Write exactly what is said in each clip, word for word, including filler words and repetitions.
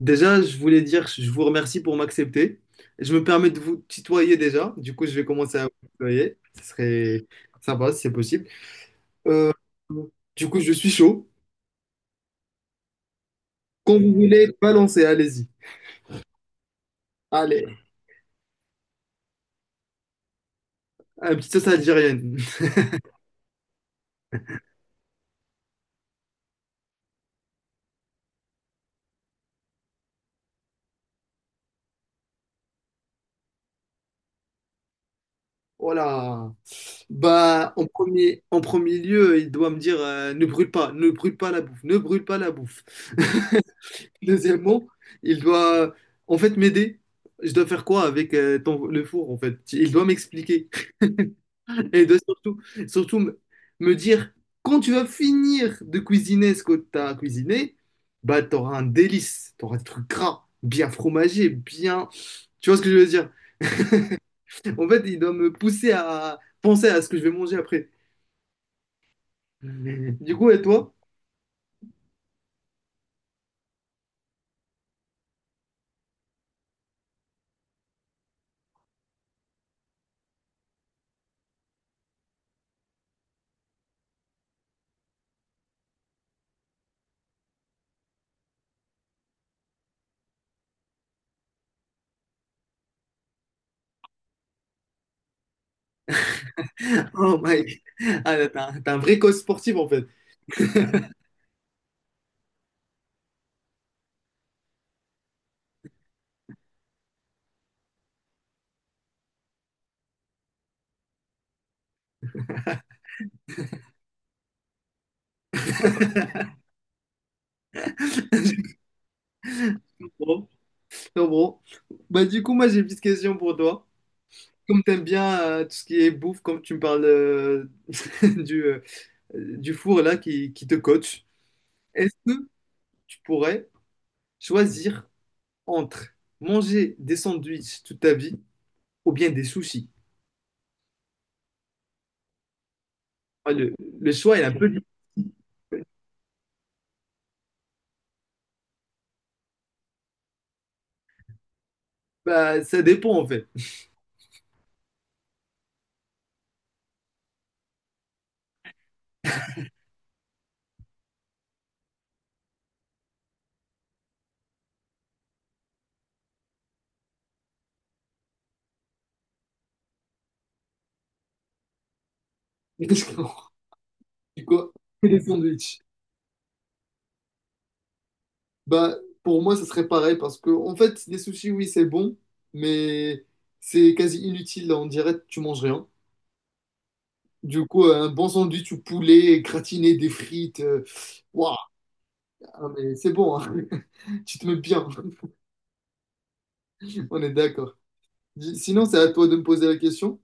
Déjà, je voulais dire, je vous remercie pour m'accepter. Je me permets de vous tutoyer déjà. Du coup, je vais commencer à vous tutoyer. Ce serait sympa si c'est possible. Euh, du coup, je suis chaud. Quand vous voulez, balancez, allez-y. Allez, un petit sauce algérienne. Voilà. Bah, en premier, en premier lieu, il doit me dire euh, ne brûle pas, ne brûle pas la bouffe, ne brûle pas la bouffe. Deuxièmement, il doit en fait m'aider. Je dois faire quoi avec euh, ton- le four en fait? Il doit m'expliquer. Et de surtout, surtout me me dire, quand tu vas finir de cuisiner ce que tu as cuisiné, bah, tu auras un délice, tu auras des trucs gras, bien fromagés, bien... Tu vois ce que je veux dire? En fait, il doit me pousser à penser à ce que je vais manger après. Du coup, et toi? Oh my... Ah, là, t'es un, t'es un vrai coach sportif, en fait. Je comprends, je comprends. Bah, du coup, moi, j'ai une petite question pour toi. Comme t'aimes bien euh, tout ce qui est bouffe, comme tu me parles euh, du, euh, euh, Dufour là qui, qui te coach. Est-ce que tu pourrais choisir entre manger des sandwichs toute ta vie ou bien des sushis? Ah, Le, le choix est un peu difficile. Bah, ça dépend en fait. Je comprends. C'est quoi? Que des sandwichs. Bah, pour moi, ça serait pareil parce que, en fait, les sushis, oui, c'est bon, mais c'est quasi inutile. On dirait que tu manges rien. Du coup, un bon sandwich ou poulet gratiné, des frites, euh, waouh, ah, mais c'est bon, hein. Tu te mets bien. On est d'accord. Dis- Sinon, c'est à toi de me poser la question.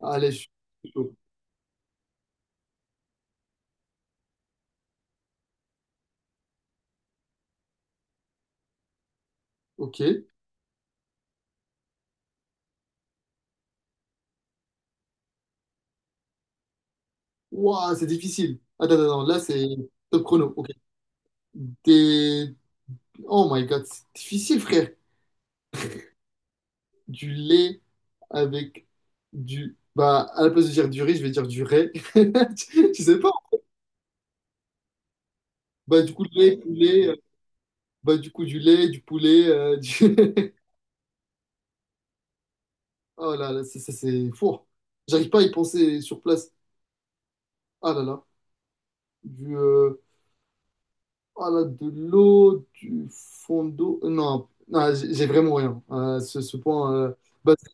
Allez, je suis chaud. Ok. Waouh, c'est difficile. Attends, attends, attends, là, c'est top chrono. Ok. Des... Oh my God, c'est difficile, frère. Du lait avec du... Bah, à la place de dire du riz, je vais dire du ray. Tu tu sais pas. Bah, du coup, du lait, poulet. Euh, Bah, du coup, du lait, du poulet. euh, du- Oh là là, ça, ça, c'est fou. J'arrive pas à y penser sur place. Ah là là. Du... euh, Voilà, de l'eau, du fond d'eau. euh, Non, non, j'ai j'ai vraiment rien. À ce, ce point, euh, bah, c'est-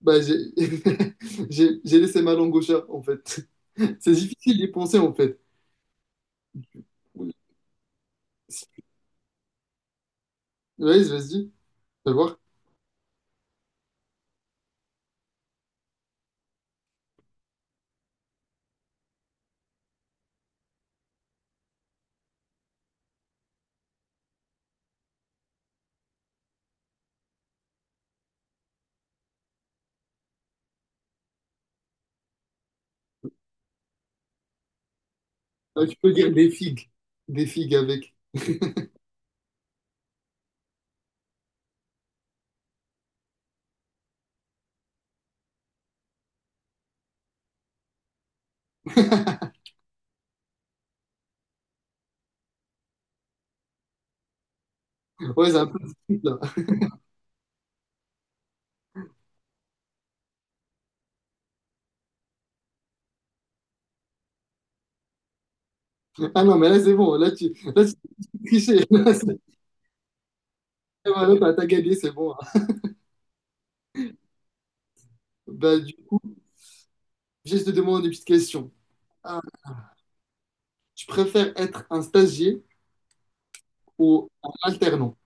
bah, j'ai j'ai- j'ai laissé ma langue au chat, en fait. C'est difficile d'y penser, en fait. Oui, Vas-y, vas-y, vas voir. Ah, tu peux dire des figues. Des figues avec. Ouais, c'est un peu difficile, là. Ah non, mais là, c'est bon. Là, tu, là, tu triché. Là, c'est- voilà, t'as t'as gagné, c'est bon, hein. Bah, du coup, je te demande une petite question. Ah, tu préfères être un stagiaire ou en alternant.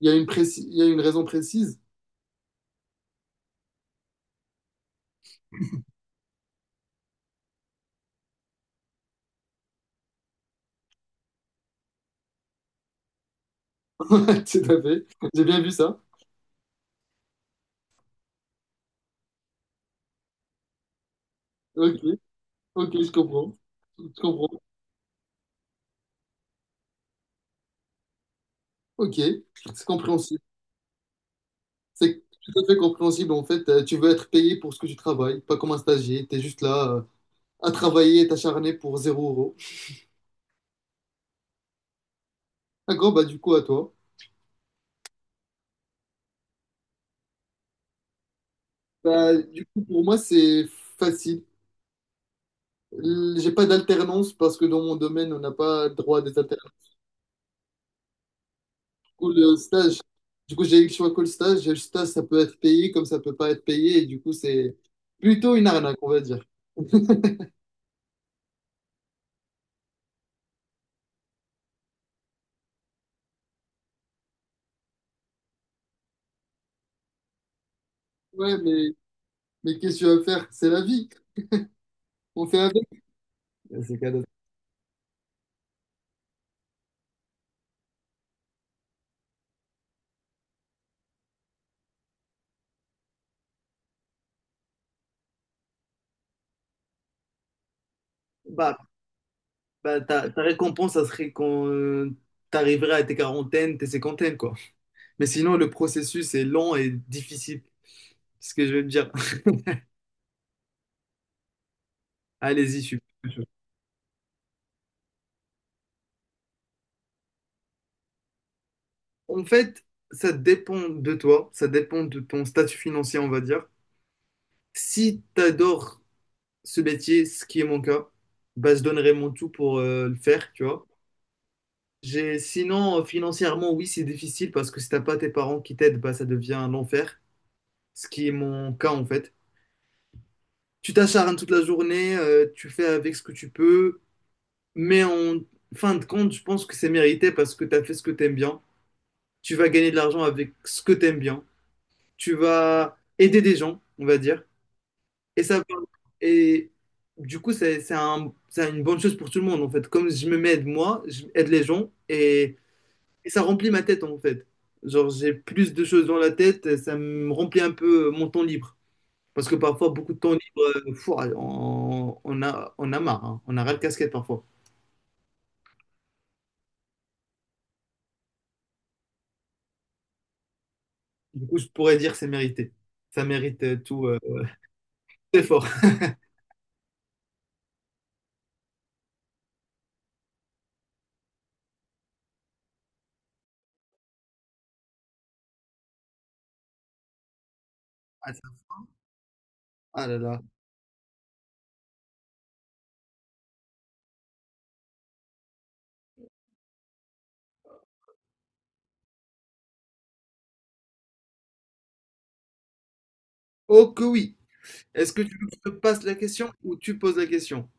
Il y a une, préci- il y a une raison précise. Tout à fait. J'ai bien vu ça. Ok, ok, je comprends. Je comprends. Ok, c'est compréhensible. C'est tout à fait compréhensible. En fait, euh, tu veux être payé pour ce que tu travailles, pas comme un stagiaire. Tu es juste là euh, à travailler et t'acharner pour zéro euro. D'accord, bah du coup, à toi. Bah, du coup, pour moi, c'est facile. L- J'ai pas d'alternance parce que dans mon domaine, on n'a pas droit à des alternances. Cool euh, stage. Du coup, j'ai eu le choix que le stage. Et le stage, ça peut être payé comme ça peut pas être payé. Et du coup, c'est plutôt une arnaque, on va dire. Ouais, mais, mais qu'est-ce que tu vas faire? C'est la vie. On fait avec. C'est cadeau. Bah, bah, ta, ta récompense, ça serait quand euh, t'arriverais à tes quarantaines, tes cinquantaines, quoi. Mais sinon, le processus est lent et difficile. C'est ce que je veux te dire. Allez-y, super. En fait, ça dépend de toi, ça dépend de ton statut financier, on va dire. Si t'adores ce métier, ce qui est mon cas, bah, je donnerais mon tout pour euh, le faire, tu vois. J'ai, sinon, euh, financièrement, oui, c'est difficile parce que si t'as pas tes parents qui t'aident, bah, ça devient un enfer, ce qui est mon cas en fait. Tu t'acharnes toute la journée, euh, tu fais avec ce que tu peux, mais en fin de compte, je pense que c'est mérité parce que t'as fait ce que t'aimes bien. Tu vas gagner de l'argent avec ce que t'aimes bien. Tu vas aider des gens, on va dire. Et ça, et du coup, c'est c'est un- c'est une bonne chose pour tout le monde, en fait. Comme je me m'aide moi, je aide les gens, et, et ça remplit ma tête, en fait. Genre, j'ai plus de choses dans la tête, ça me remplit un peu mon temps libre. Parce que parfois, beaucoup de temps libre, euh, fou, on, on a, on a marre, hein. On a ras le casquette parfois. Du coup, je pourrais dire que c'est mérité. Ça mérite euh, tout euh, effort. Ah, ça- ah là là. Oh que oui. Est-ce que tu veux que je te passe la question ou tu poses la question?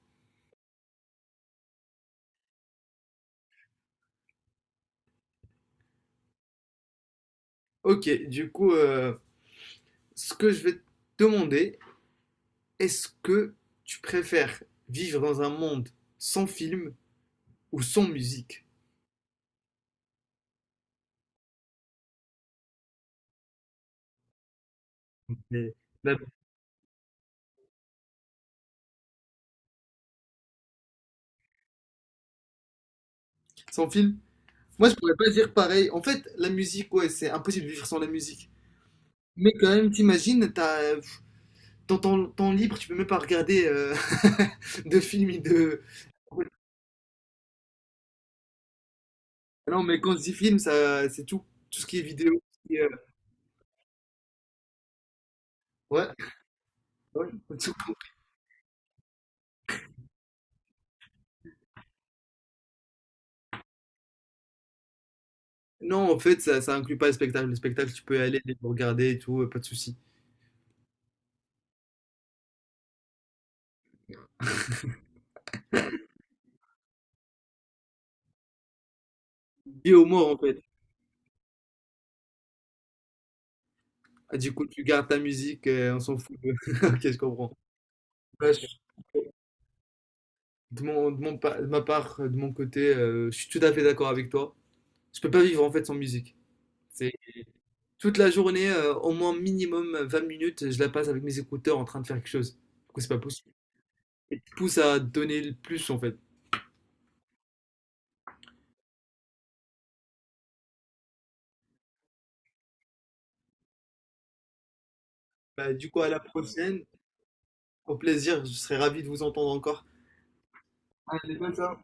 Ok, du coup, euh, ce que je vais te demander, est-ce que tu préfères vivre dans un monde sans film ou sans musique? Mais, bah, Sans film? Moi, je pourrais pas dire pareil. En fait, la musique, ouais, c'est impossible de vivre sans la musique. Mais quand même, t'imagines, t'as, euh, dans ton temps libre, tu peux même pas regarder euh, de films et de... Ah non, mais quand je dis film, ça, c'est tout. Tout ce qui est vidéo, tout ce qui est, euh, Ouais, ouais, tout. Non, en fait, ça, ça inclut pas le spectacle. Le spectacle, tu peux aller le regarder et tout, euh, pas de souci. Bio-mort en fait. Ah, du coup, tu gardes ta musique, euh, on s'en fout. de- Ok, je comprends. Ouais, je- de mon, de mon pa- de ma part, euh, de mon côté, euh, je suis tout à fait d'accord avec toi. Je peux pas vivre en fait sans musique. C'est toute la journée, euh, au moins minimum euh, vingt minutes, je la passe avec mes écouteurs en train de faire quelque chose. Du coup, c'est pas possible. Et tu pousses à donner le plus en fait. Bah, du coup, à la prochaine. Au plaisir, je serai ravi de vous entendre encore. Allez, bonne soirée.